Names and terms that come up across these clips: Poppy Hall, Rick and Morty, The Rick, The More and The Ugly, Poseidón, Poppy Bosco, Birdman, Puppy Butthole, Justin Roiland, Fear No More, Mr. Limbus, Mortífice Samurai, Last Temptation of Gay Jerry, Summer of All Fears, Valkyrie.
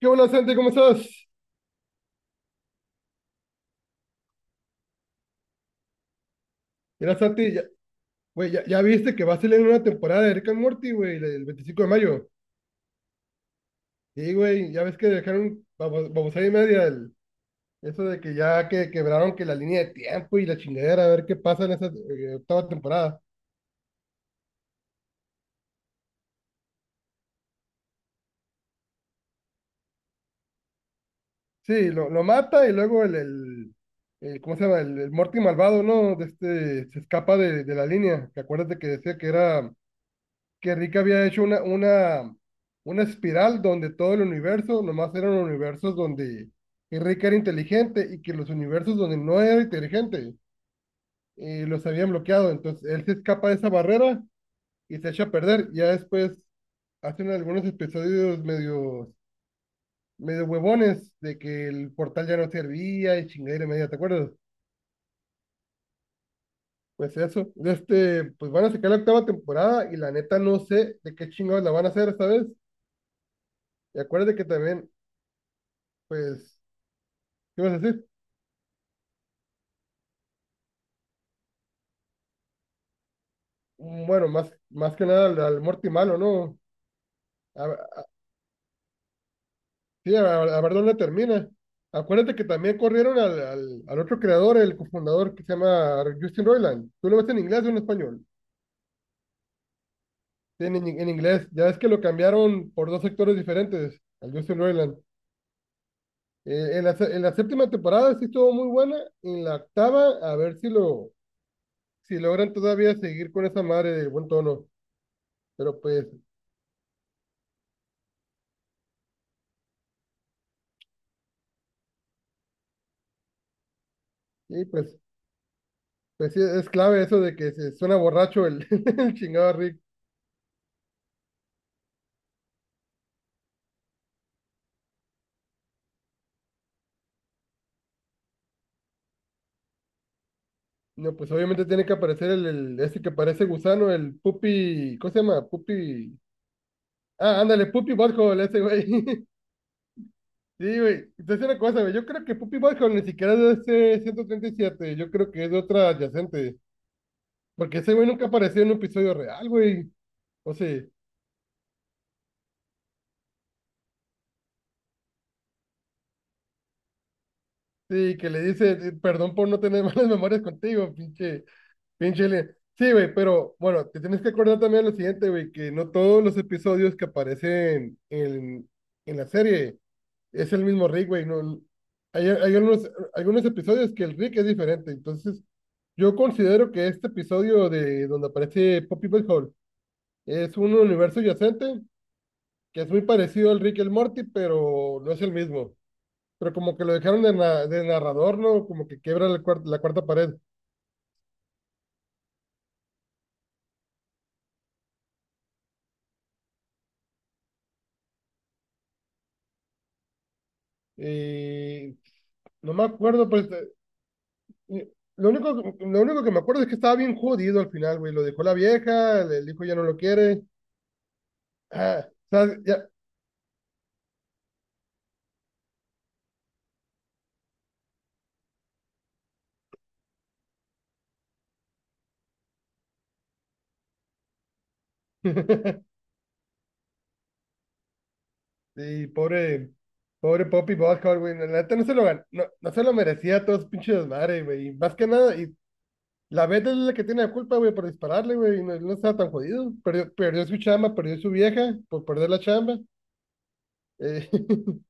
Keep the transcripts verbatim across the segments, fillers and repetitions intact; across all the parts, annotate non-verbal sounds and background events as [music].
¿Qué onda, Santi? ¿Cómo estás? Mira, Santi, ya, güey, ya, ya viste que va a salir una temporada de Rick and Morty, güey, el veinticinco de mayo. Sí, güey, ya ves que dejaron babos- babosada y media el- eso de que ya que quebraron que la línea de tiempo y la chingadera, a ver qué pasa en esa eh, octava temporada. Sí, lo, lo mata y luego el, el, el- ¿cómo se llama? El, el Morty malvado, ¿no? De este, se escapa de, de la línea. Que acuérdate que decía que era que Rick había hecho una, una, una espiral donde todo el universo, nomás eran universos donde Rick era inteligente y que los universos donde no era inteligente eh, los habían bloqueado. Entonces él se escapa de esa barrera y se echa a perder. Ya después hacen algunos episodios medio, medio huevones de que el portal ya no servía y chingadera media, ¿te acuerdas? Pues eso, de este, pues van a sacar la octava temporada y la neta no sé de qué chingados la van a hacer esta vez. Y acuérdate que también, pues, ¿qué vas a decir? Mm, bueno, más, más que nada al, al Morty malo, ¿no? A, ver- sí, a, a ver dónde termina. Acuérdate que también corrieron al, al, al otro creador, el cofundador que se llama Justin Roiland. ¿Tú lo ves en inglés o en español? Sí, En, in- en inglés. Ya es que lo cambiaron por dos sectores diferentes, al Justin Roiland. Eh, en la, se- en la séptima temporada sí estuvo muy buena. En la octava, a ver si lo, si logran todavía seguir con esa madre del buen tono. Pero pues, sí, pues. Pues sí, es clave eso de que se suena borracho el, [laughs] el chingado Rick. No, pues obviamente tiene que aparecer el, el ese que parece gusano, el Puppy, ¿cómo se llama? Puppy. Ah, ándale, Puppy Butthole, ese güey. [laughs] Sí, güey. Entonces una cosa, güey. Yo creo que Puppy Butthole ni siquiera es de ese ciento treinta y siete. Yo creo que es de otra adyacente. Porque ese güey nunca apareció en un episodio real, güey. O sea, sí, que le dice, eh, perdón por no tener [laughs] malas memorias contigo, pinche. Bien chile. Sí, güey, pero bueno, te tienes que acordar también lo siguiente, güey, que no todos los episodios que aparecen en, en la serie es el mismo Rick, güey. No, hay, hay algunos, algunos episodios que el Rick es diferente. Entonces, yo considero que este episodio de donde aparece Poppy Hall es un universo yacente que es muy parecido al Rick y el Morty, pero no es el mismo. Pero como que lo dejaron de, na- de narrador, ¿no? Como que quiebra la, cuar- la cuarta pared. Y no me acuerdo, pues. Y Lo único, lo único que me acuerdo es que estaba bien jodido al final, güey. Lo dejó la vieja, el hijo ya no lo quiere. Ah, o ya. [laughs] Y pobre, pobre Poppy Bosco, güey. La neta no se lo gan- no, no se lo merecía todo ese pinche desmadre, güey. Y más que nada, y la Beth es la que tiene la culpa, güey, por dispararle, güey. Y no, no estaba tan jodido. Perdió, perdió su chamba, perdió su vieja por perder la chamba. Eh, [laughs]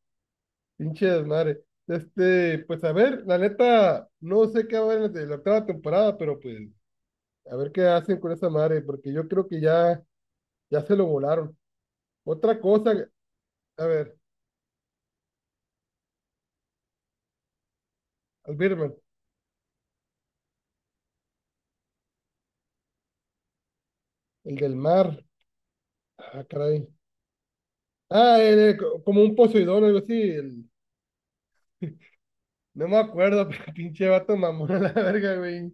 pinche desmadre. Este, pues a ver, la neta, no sé qué va a haber en la en la octava temporada, pero pues a ver qué hacen con esa madre, porque yo creo que ya, ya se lo volaron. Otra cosa, a ver, al Birdman, el del mar. Ah, caray. Ah, el- el co- como un Poseidón, o algo así. el- [laughs] No me acuerdo, [laughs] pero pinche vato mamón a la verga, güey.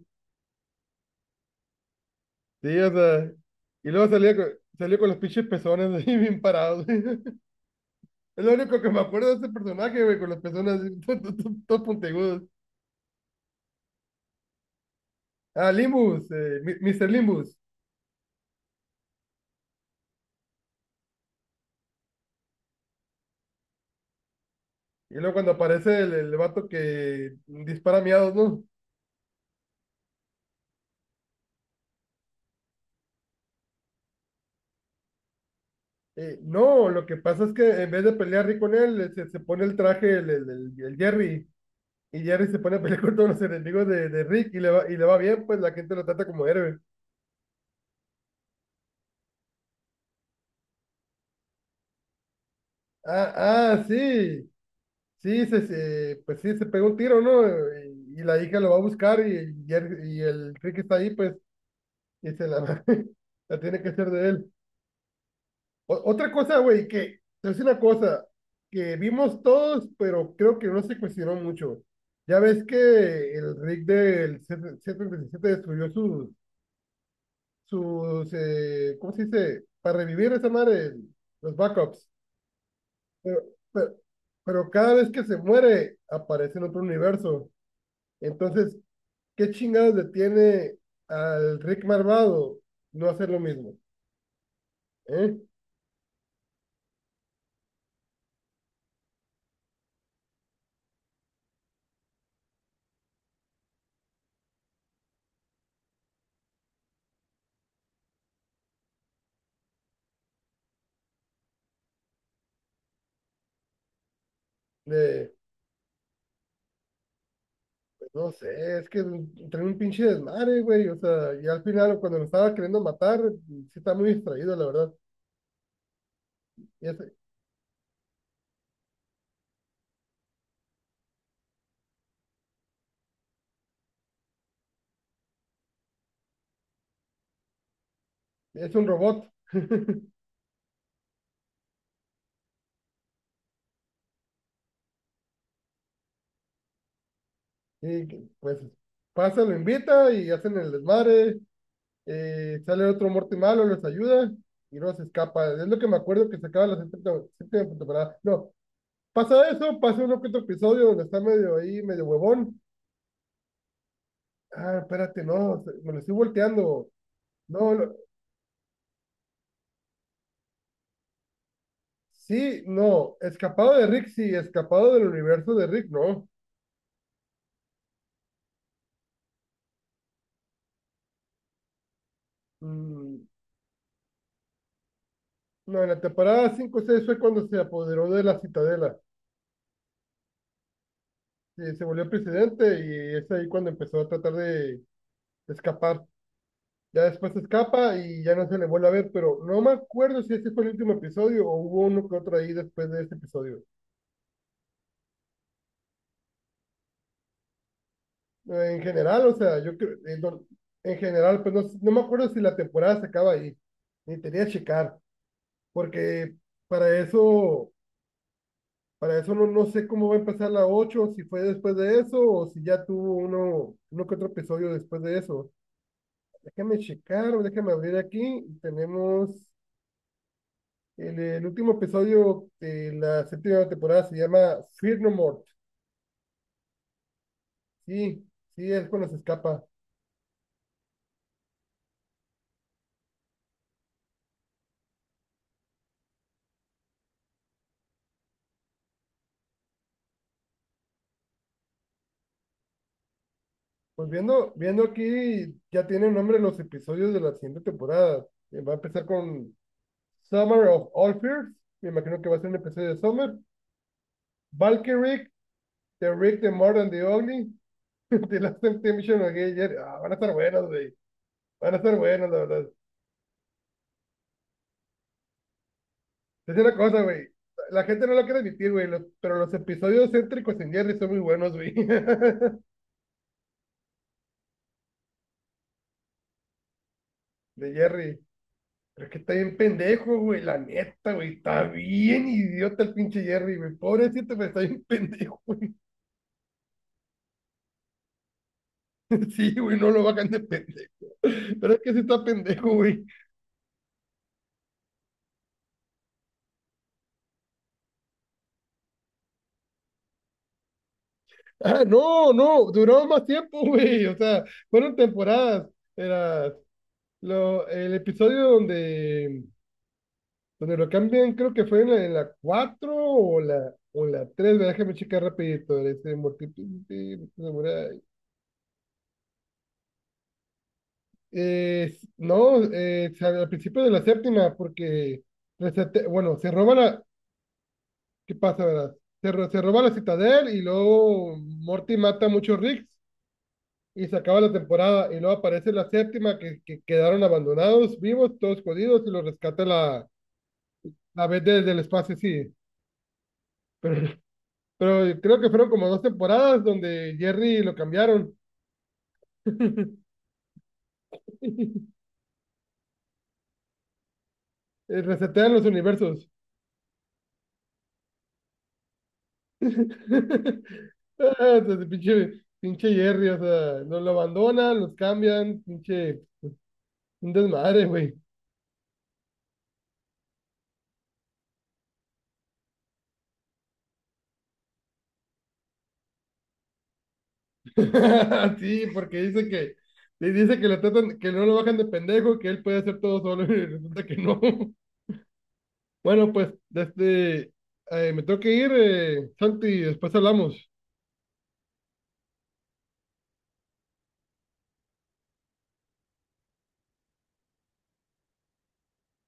Sí, o sea. Y luego salía con, salió con los pinches pezones [laughs] así bien parados. [laughs] Es lo único que me acuerdo de ese personaje, güey, con los pezones así, [laughs] to- to- to- todos puntiagudos. Ah, Limbus, eh, mi- míster Limbus. Y luego cuando aparece el, el vato que dispara miados, ¿no? Eh, no, lo que pasa es que en vez de pelear Rick con él, eh, se, se pone el traje el, el- el- el Jerry, y Jerry se pone a pelear [laughs] con todos los enemigos de, de Rick, y le va, y le va bien, pues la gente lo trata como héroe. Ah, ah, sí, sí, se, se- pues sí, se pegó un tiro, ¿no? Y, y la hija lo va a buscar, y, Jerry- y el Rick está ahí, pues, y se la, [laughs] la tiene que hacer de él. O- otra cosa, güey, que es una cosa que vimos todos, pero creo que no se cuestionó mucho. Ya ves que el Rick del C setenta y siete destruyó sus, sus eh, ¿cómo se dice? Para revivir esa madre, el- los backups. Pero, pero, pero cada vez que se muere, aparece en otro universo. Entonces, ¿qué chingados detiene al Rick malvado no hacer lo mismo? ¿Eh? De- No sé, es que trae un pinche desmadre, güey. O sea, y al final, cuando lo estaba queriendo matar, sí está muy distraído, la verdad. Y es, es un robot. Y que, pues pasa, lo invita y hacen el desmadre. Eh, sale otro muerto y malo, los ayuda y luego se escapa. Es lo que me acuerdo que se acaba la séptima séptima temporada. No, pasa eso, pasa un otro episodio donde está medio ahí, medio huevón. Ah, espérate, no, se- me lo estoy volteando. No, lo- Sí, no, escapado de Rick, sí, escapado del universo de Rick, no. Mm, no, en la temporada cinco o seis fue cuando se apoderó de la Citadela. Sí, se volvió presidente y es ahí cuando empezó a tratar de escapar. Ya después escapa y ya no se le vuelve a ver, pero no me acuerdo si ese fue el último episodio o hubo uno que otro ahí después de ese episodio. Eh, En general, o sea, yo creo, eh, no- en general, pues no, no me acuerdo si la temporada se acaba ahí. Ni tenía que checar, porque para eso. Para eso no, no sé cómo va a empezar la ocho si fue después de eso o si ya tuvo uno, uno que otro episodio después de eso. Déjame checar, déjame abrir aquí. Tenemos el, el último episodio de la séptima temporada, se llama Fear No More. Sí, sí, es cuando se escapa. Pues viendo, viendo aquí, ya tienen nombre los episodios de la siguiente temporada. Eh, Va a empezar con Summer of All Fears. Me imagino que va a ser un episodio de Summer. Valkyrie, The Rick, The More and The Ugly. [laughs] De Last Temptation of Gay Jerry. Ah, van a estar buenos, güey. Van a estar buenos, la verdad. Es una cosa, güey. La gente no lo quiere admitir, güey, los- pero los episodios céntricos en Jerry son muy buenos, güey. [laughs] De Jerry. Pero es que está bien pendejo, güey, la neta, güey. Está bien idiota el pinche Jerry, güey. Pobrecito, pero está bien pendejo, güey. [laughs] Sí, güey, no lo hagan de pendejo. Pero es que sí está pendejo, güey. Ah, no, no, duró más tiempo, güey. O sea, fueron temporadas. Era Lo, el episodio donde, donde lo cambian, creo que fue en la, en la cuatro o la, o la tres, ¿verdad? Déjame checar rapidito. Este, Mortífice Samurai. Eh, no, eh, al principio de la séptima, porque, resete- bueno, se roba la, ¿qué pasa, verdad? Se, ro- se roba la citadel y luego Morty mata a muchos Ricks y se acaba la temporada y luego aparece la séptima que, que quedaron abandonados, vivos, todos jodidos y los rescata la, la vez desde el espacio, sí. Pero Pero creo que fueron como dos temporadas donde Jerry lo cambiaron. [laughs] Resetean los universos. [laughs] Ah, entonces, pinche, pinche Jerry, o sea, nos lo abandonan, los cambian, pinche, un desmadre, güey. [laughs] Sí, porque dice que, le dice que lo tratan, que no lo bajan de pendejo, que él puede hacer todo solo [laughs] y resulta que no. [laughs] Bueno, pues, desde, eh, me tengo que ir, eh, Santi, después hablamos.